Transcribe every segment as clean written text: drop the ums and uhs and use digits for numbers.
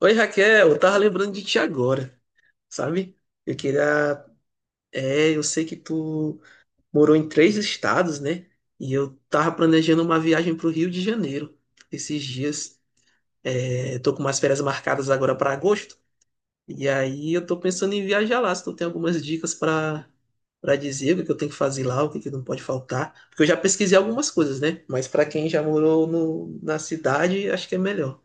Oi, Raquel, eu tava lembrando de ti agora, sabe? Eu queria. É, eu sei que tu morou em três estados, né? E eu tava planejando uma viagem pro Rio de Janeiro esses dias. É, tô com umas férias marcadas agora para agosto. E aí eu tô pensando em viajar lá, se tu tem algumas dicas para dizer o que é que eu tenho que fazer lá, o que é que não pode faltar. Porque eu já pesquisei algumas coisas, né? Mas para quem já morou no, na cidade, acho que é melhor.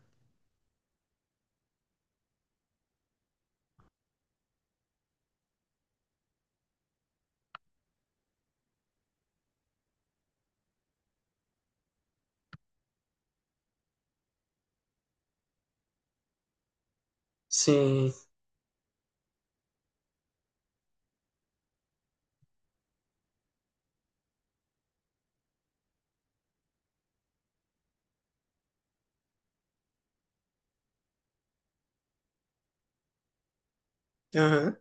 Sim. Aham.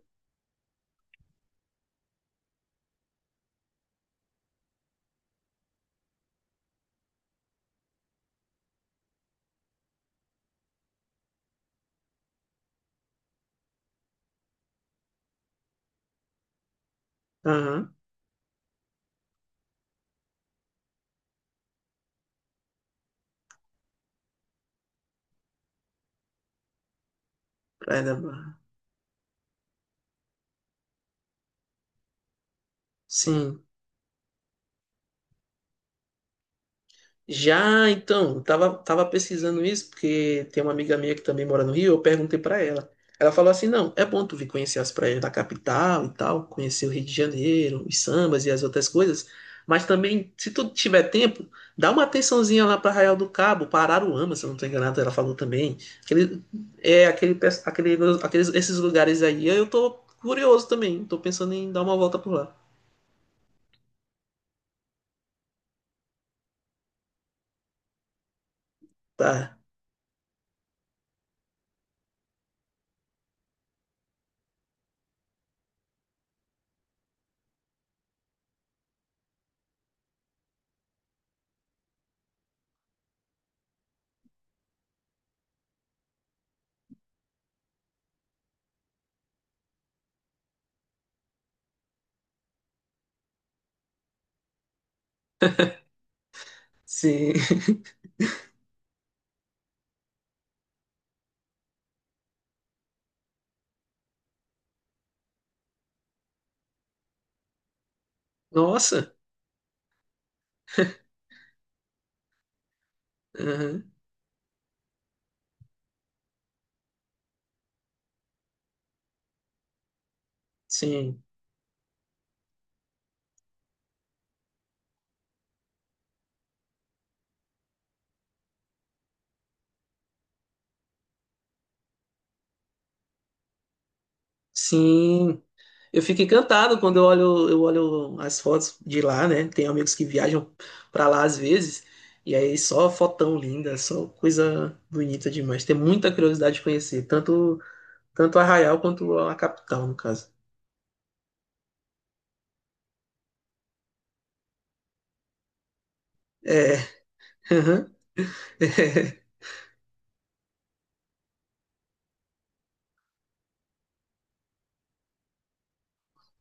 Aham. Praia da Mar. Sim. Já então, eu tava pesquisando isso, porque tem uma amiga minha que também mora no Rio, eu perguntei pra ela. Ela falou assim: não, é bom tu vir conhecer as praias da capital e tal, conhecer o Rio de Janeiro, os sambas e as outras coisas, mas também, se tu tiver tempo, dá uma atençãozinha lá pra Arraial do Cabo, pra Araruama, se eu não tô enganado, ela falou também. Aquele, é, aquele, esses lugares aí, eu tô curioso também, tô pensando em dar uma volta por lá. Tá, sim. Nossa, aham, sim. Sim, eu fico encantado quando eu olho as fotos de lá, né? Tem amigos que viajam pra lá às vezes, e aí só fotão linda, só coisa bonita demais. Tem muita curiosidade de conhecer, tanto Arraial quanto a capital, no caso. É. aham.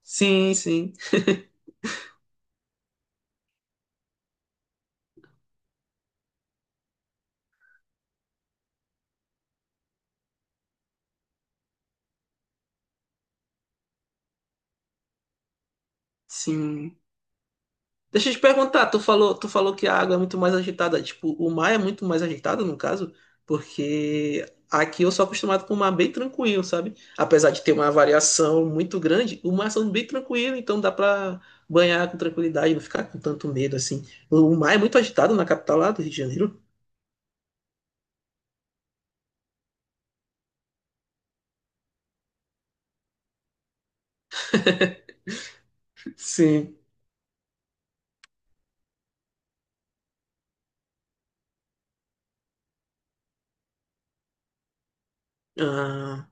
Sim, sim, sim. Deixa eu te perguntar, tu falou que a água é muito mais agitada. Tipo, o mar é muito mais agitado, no caso, porque aqui eu sou acostumado com o mar bem tranquilo, sabe? Apesar de ter uma variação muito grande, o mar é bem tranquilo, então dá pra banhar com tranquilidade, não ficar com tanto medo assim. O mar é muito agitado na capital lá do Rio de Janeiro. Sim. Ah,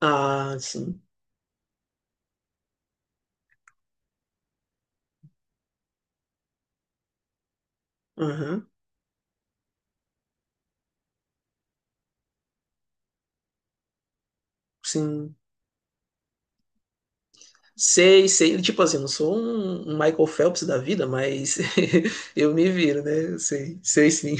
ah, sim. Aham, sim. Sei, sei. Tipo assim, não sou um Michael Phelps da vida, mas eu me viro, né? Sei, sei sim.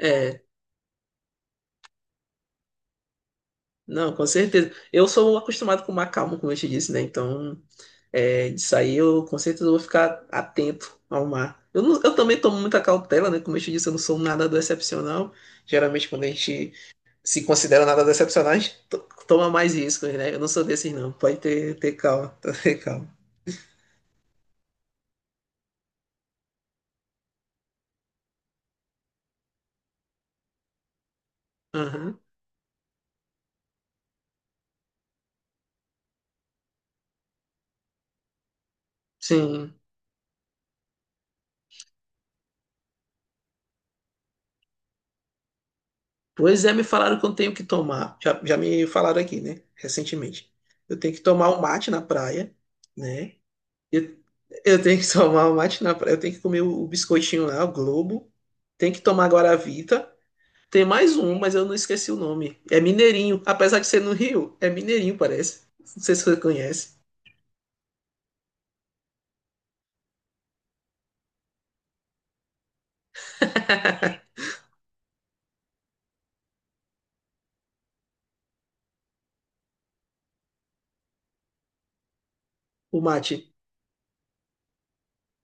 É, não, com certeza. Eu sou acostumado com o mar calmo, como eu te disse, né? Então, é, disso aí eu com certeza vou ficar atento ao mar. Eu, não- eu também tomo muita cautela, né? Como eu te disse, eu não sou um nadador excepcional. Geralmente, quando a gente se considera um nadador excepcional, a gente to- toma mais riscos, né? Eu não sou desses, não. Pode ter calma, ter calma. Aham, sim. Pois é, me falaram que eu tenho que tomar. Já me falaram aqui, né? Recentemente. Eu tenho que tomar um mate na praia, né? Eu, eu tenho que tomar o mate na praia, eu tenho que comer o, biscoitinho lá, o Globo. Tem que tomar Guaravita. Tem mais um, mas eu não esqueci o nome. É Mineirinho. Apesar de ser no Rio, é Mineirinho, parece. Não sei se você conhece. O mate.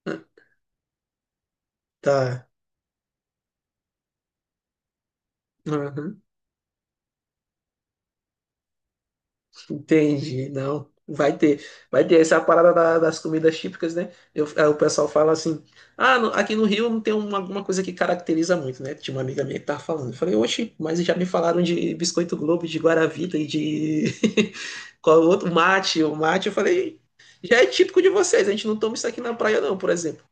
Ah, tá. Entendi, não. Vai ter essa parada das comidas típicas, né? Eu, aí o pessoal fala assim: ah, aqui no Rio não tem uma, alguma coisa que caracteriza muito, né? Tinha uma amiga minha que tava falando. Eu falei, oxe, mas já me falaram de biscoito Globo, de Guaravita e de. Qual o outro? Mate, o mate. Eu falei, já é típico de vocês, a gente não toma isso aqui na praia, não, por exemplo.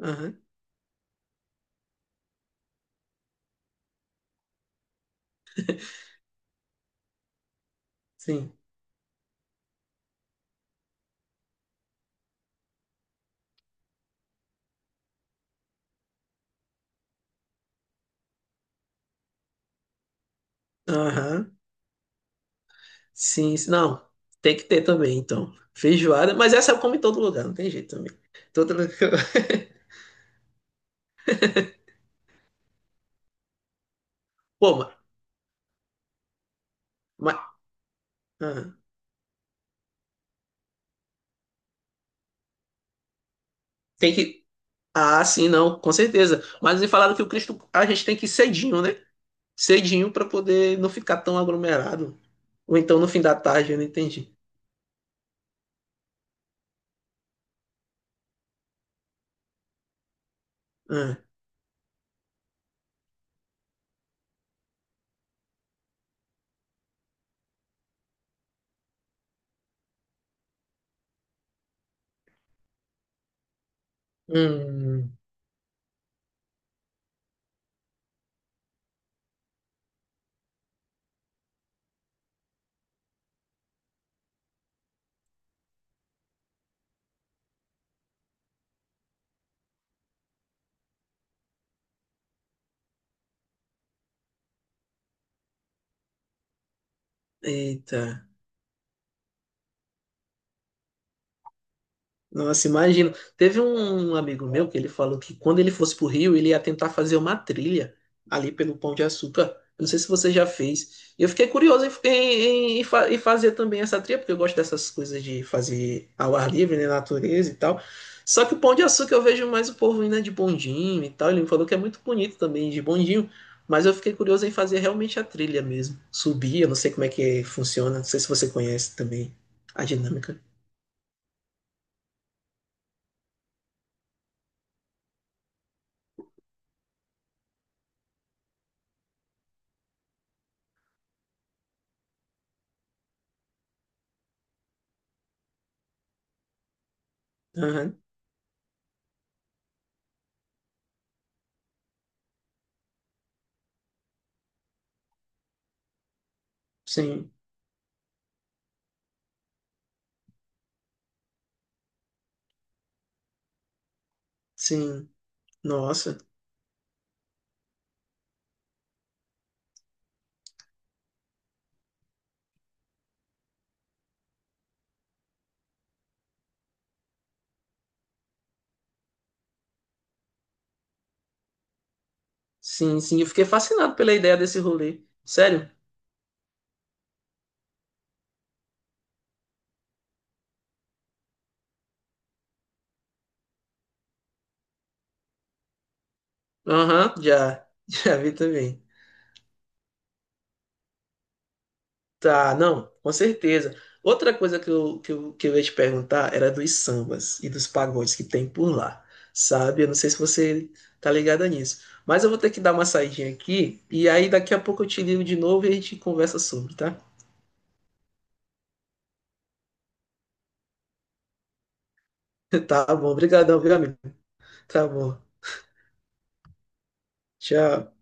Aham, sim. Aham, sim, sim. Não, tem que ter também, então. Feijoada, mas essa eu como em todo lugar, não tem jeito também. Todo... Pô, ma- ah, tem que. Ah, sim, não, com certeza. Mas me falaram que o Cristo, a gente tem que ir cedinho, né? Cedinho para poder não ficar tão aglomerado. Ou então no fim da tarde, eu não entendi. Ah, hum, eita. Nossa, imagino. Teve um amigo meu que ele falou que quando ele fosse pro Rio, ele ia tentar fazer uma trilha ali pelo Pão de Açúcar. Eu não sei se você já fez. Eu fiquei curioso em fazer também essa trilha, porque eu gosto dessas coisas de fazer ao ar livre, né, natureza e tal. Só que o Pão de Açúcar eu vejo mais o povo indo né, de bondinho e tal. Ele me falou que é muito bonito também de bondinho, mas eu fiquei curioso em fazer realmente a trilha mesmo. Subir, eu não sei como é que funciona, não sei se você conhece também a dinâmica. Aham, sim. Sim, nossa. Sim, sim, eu fiquei fascinado pela ideia desse rolê. Sério? Aham, já, já vi também. Tá, não, com certeza. Outra coisa que eu ia te perguntar era dos sambas e dos pagodes que tem por lá, sabe? Eu não sei se você tá ligada nisso, mas eu vou ter que dar uma saidinha aqui e aí daqui a pouco eu te ligo de novo e a gente conversa sobre, tá? Tá bom, obrigadão, viu, amigo? Tá bom, tchau.